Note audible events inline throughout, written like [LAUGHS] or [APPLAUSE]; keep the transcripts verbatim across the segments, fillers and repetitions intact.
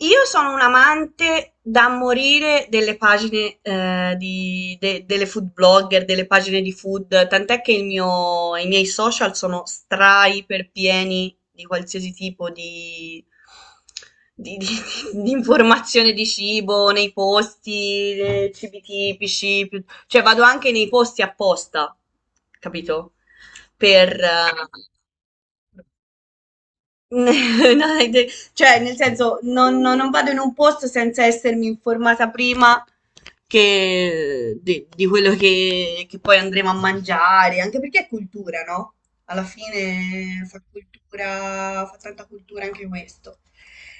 Io sono un amante da morire delle pagine, eh, di- de- delle food blogger, delle pagine di food, tant'è che il mio- i miei social sono stra iper pieni di qualsiasi tipo di, di- di- [LAUGHS] di informazione di cibo, nei posti, eh, cibi tipici, pi- cioè vado anche nei posti apposta, capito? Per, eh, [LAUGHS] No, è de- cioè, nel senso, non, non- non vado in un posto senza essermi informata prima che- di, di quello che, che poi andremo a mangiare, anche perché è cultura, no? Alla fine fa cultura, fa tanta cultura anche questo.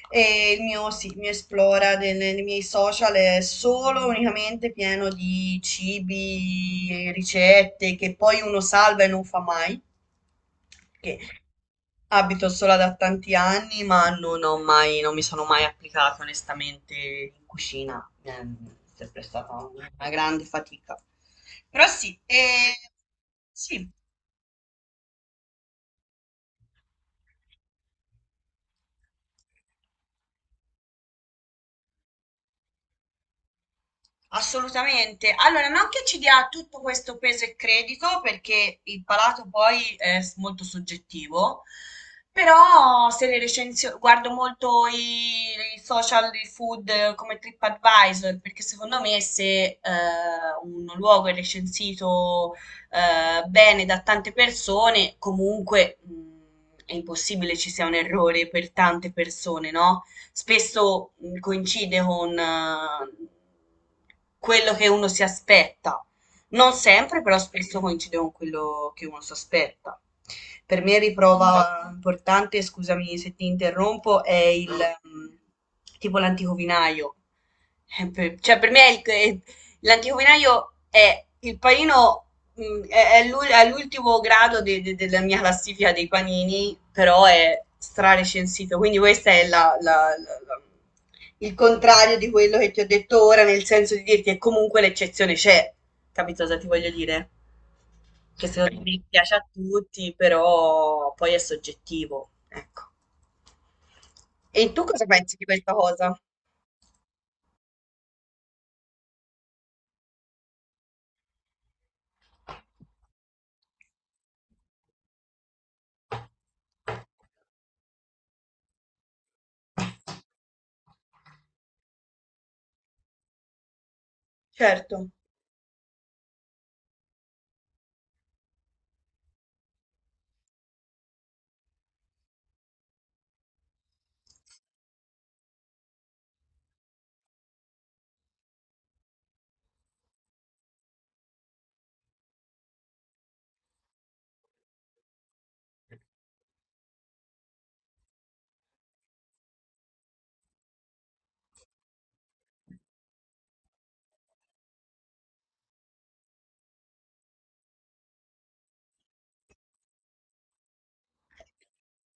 E il mio, sì, il mio esplora del- nei miei social è solo unicamente pieno di cibi, ricette che poi uno salva e non fa mai. Abito sola da tanti anni, ma non ho mai, non mi sono mai applicata onestamente in cucina. È sempre stata una grande fatica. Però sì, eh, sì. Assolutamente. Allora, non che ci dia tutto questo peso e credito, perché il palato poi è s- molto soggettivo, però se le recensioni, guardo molto i, i social di food eh, come TripAdvisor, perché secondo me se eh, un luogo è recensito eh, bene da tante persone, comunque mh, è impossibile ci sia un errore per tante persone, no? Spesso mh, coincide con eh, quello che uno si aspetta. Non sempre, però spesso coincide con quello che uno si aspetta. Per me riprova importante, scusami se ti interrompo, è il mh, tipo l'antico vinaio. Eh, per- Cioè, per me è il- è- l'antico vinaio è il panino. Mm, È, è l'ul- è all'ultimo grado de- de- della mia classifica dei panini, però è strarecensito, quindi questo è la- la- la- la- il contrario di quello che ti ho detto ora, nel senso di dirti che comunque l'eccezione c'è, capito cosa ti voglio dire? Che secondo me piace a tutti, però poi è soggettivo, ecco. E tu cosa pensi di questa cosa? Certo.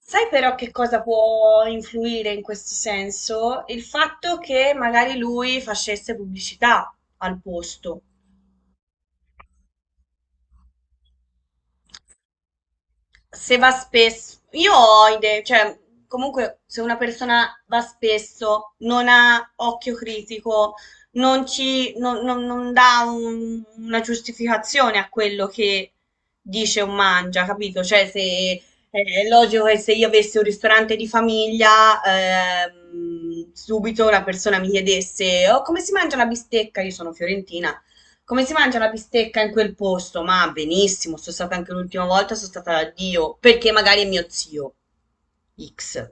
Sai però che cosa può influire in questo senso? Il fatto che magari lui facesse pubblicità al posto. Se va spesso, io ho idee, cioè comunque se una persona va spesso, non ha occhio critico, non ci, non, non- non dà un- una giustificazione a quello che dice o mangia, capito? Cioè se eh, è logico che se io avessi un ristorante di famiglia, ehm, subito una persona mi chiedesse, oh, come si mangia la bistecca? Io sono fiorentina, come si mangia la bistecca in quel posto? Ma benissimo, sono stata anche l'ultima volta, sono stata da Dio, perché magari è mio zio X.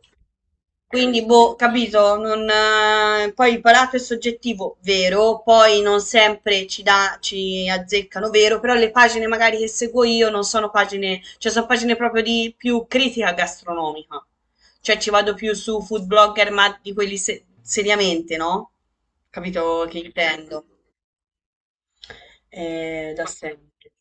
Quindi, boh, capito? Non, eh, Poi il palato è soggettivo, vero, poi non sempre ci, dà, ci azzeccano, vero, però le pagine magari che seguo io non sono pagine, cioè sono pagine proprio di più critica gastronomica. Cioè ci vado più su food blogger, ma di quelli se- seriamente, no? Capito che intendo? Eh, da sempre.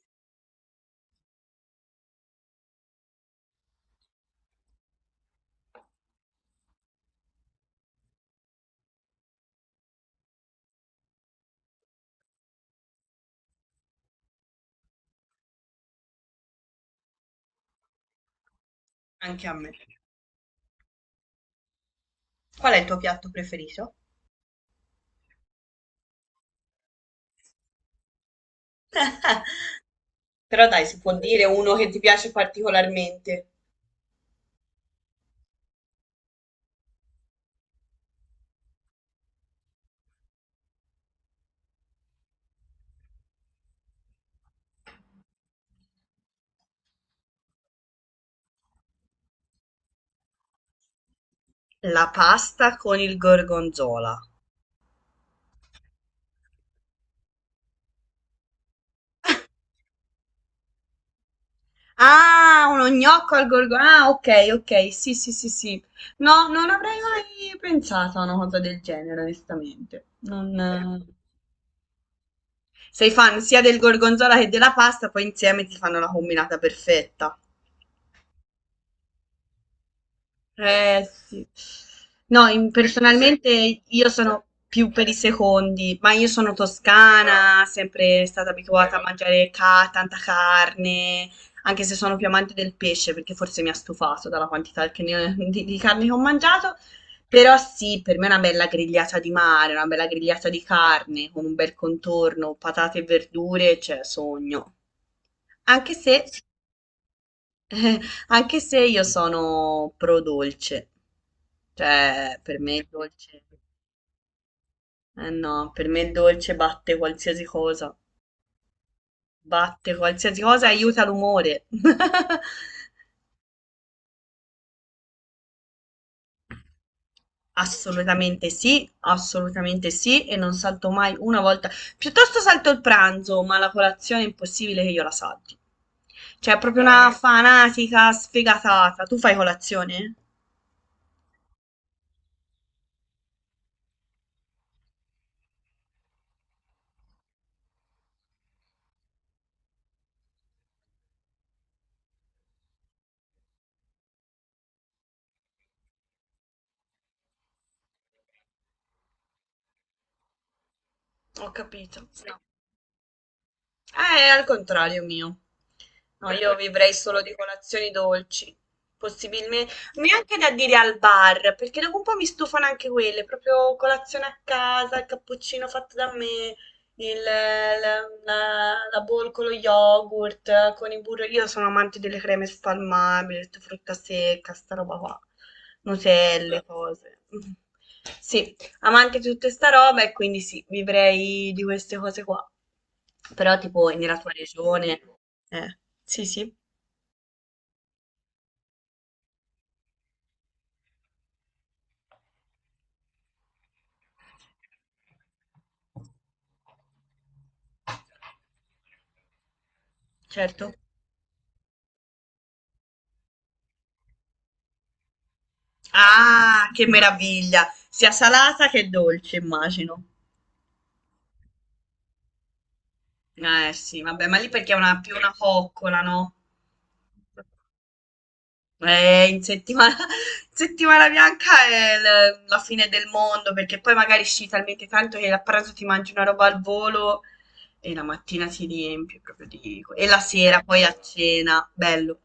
Anche a me. Qual è il tuo piatto preferito? Però dai, si può dire uno che ti piace particolarmente. La pasta con il gorgonzola. Ah, uno gnocco al gorgonzola. Ah, ok, ok, sì, sì, sì, sì. No, non avrei mai pensato a una cosa del genere, onestamente. Non, eh, Sei fan sia del gorgonzola che della pasta, poi insieme ti fanno la combinata perfetta. Eh sì. No, in- sì. Personalmente io sono più per i secondi, ma io sono toscana, sempre stata abituata a mangiare ca- tanta carne, anche se sono più amante del pesce, perché forse mi ha stufato dalla quantità che ne- di, di carne che ho mangiato. Però sì, per me è una bella grigliata di mare, una bella grigliata di carne con un bel contorno, patate e verdure, cioè sogno. Anche se anche se io sono pro dolce, cioè per me il dolce, eh no, per me il dolce batte qualsiasi cosa, batte qualsiasi cosa e aiuta l'umore. [LAUGHS] Assolutamente sì, assolutamente sì, e non salto mai una volta. Piuttosto salto il pranzo, ma la colazione è impossibile che io la salti. Cioè, è proprio una fanatica sfegatata. Tu fai colazione? Ho capito. Eh, è al contrario mio. No, io vivrei solo di colazioni dolci, possibilmente neanche da dire al bar, perché dopo un po' mi stufano anche quelle, proprio colazione a casa, il cappuccino fatto da me, il- la, la, la bowl con lo yogurt, con il burro. Io sono amante delle creme spalmabili, frutta secca, sta roba qua, nutelle, cose. Mm. Sì, amante di tutta sta roba e quindi sì, vivrei di queste cose qua. Però tipo nella tua regione. Eh, sì, sì, certo. Ah, che meraviglia! Sia salata che dolce, immagino. Eh sì, vabbè, ma lì perché è una, più una coccola, no? Eh, in settimana, [LAUGHS] in settimana bianca è l- la fine del mondo perché poi magari sci talmente tanto che a pranzo ti mangi una roba al volo. E la mattina si riempie proprio di... E la sera poi a cena, bello,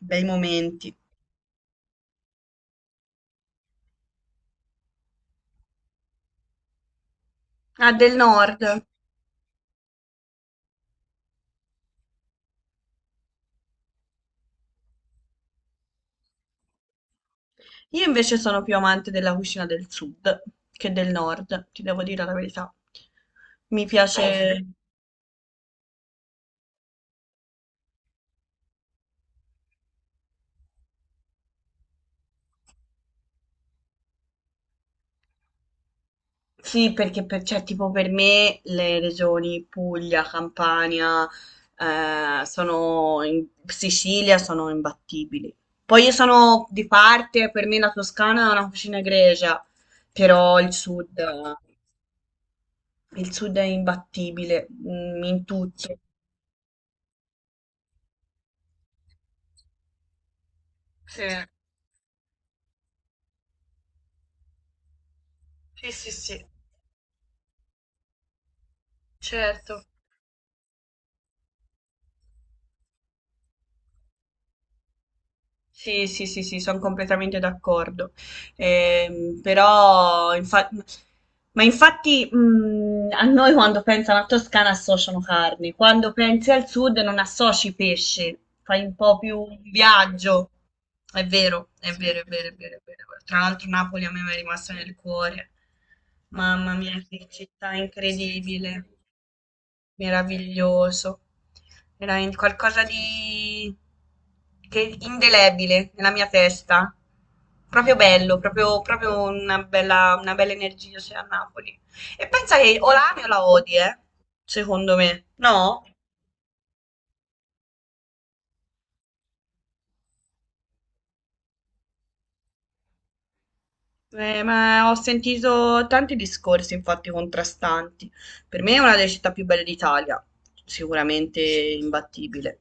bei momenti. Ah, del nord. Io invece sono più amante della cucina del sud che del nord, ti devo dire la verità. Mi piace, sì, perché per, cioè, tipo per me le regioni Puglia, Campania, eh, sono in- Sicilia sono imbattibili. Poi io sono di parte, per me la Toscana è una cucina egregia, però il sud... Il sud è imbattibile, mm, in tutto. Sì, sì, sì, sì, certo. Sì, sì, sì, sì, sono completamente d'accordo. Ehm, però, infa- ma infatti, mh, a noi quando pensano a Toscana associano carne, quando pensi al sud non associ pesce, fai un po' più un viaggio. È vero, è sì, vero, è vero, è vero, è vero. Tra l'altro Napoli a me mi è rimasta nel cuore. Mamma mia, che città incredibile. Meraviglioso. Era in- qualcosa di che indelebile nella mia testa. Proprio bello, proprio, proprio una bella, una bella energia c'è a Napoli. E pensa che o la ami o la odi, eh? Secondo me. No? Eh, ma ho sentito tanti discorsi, infatti, contrastanti. Per me è una delle città più belle d'Italia, sicuramente imbattibile.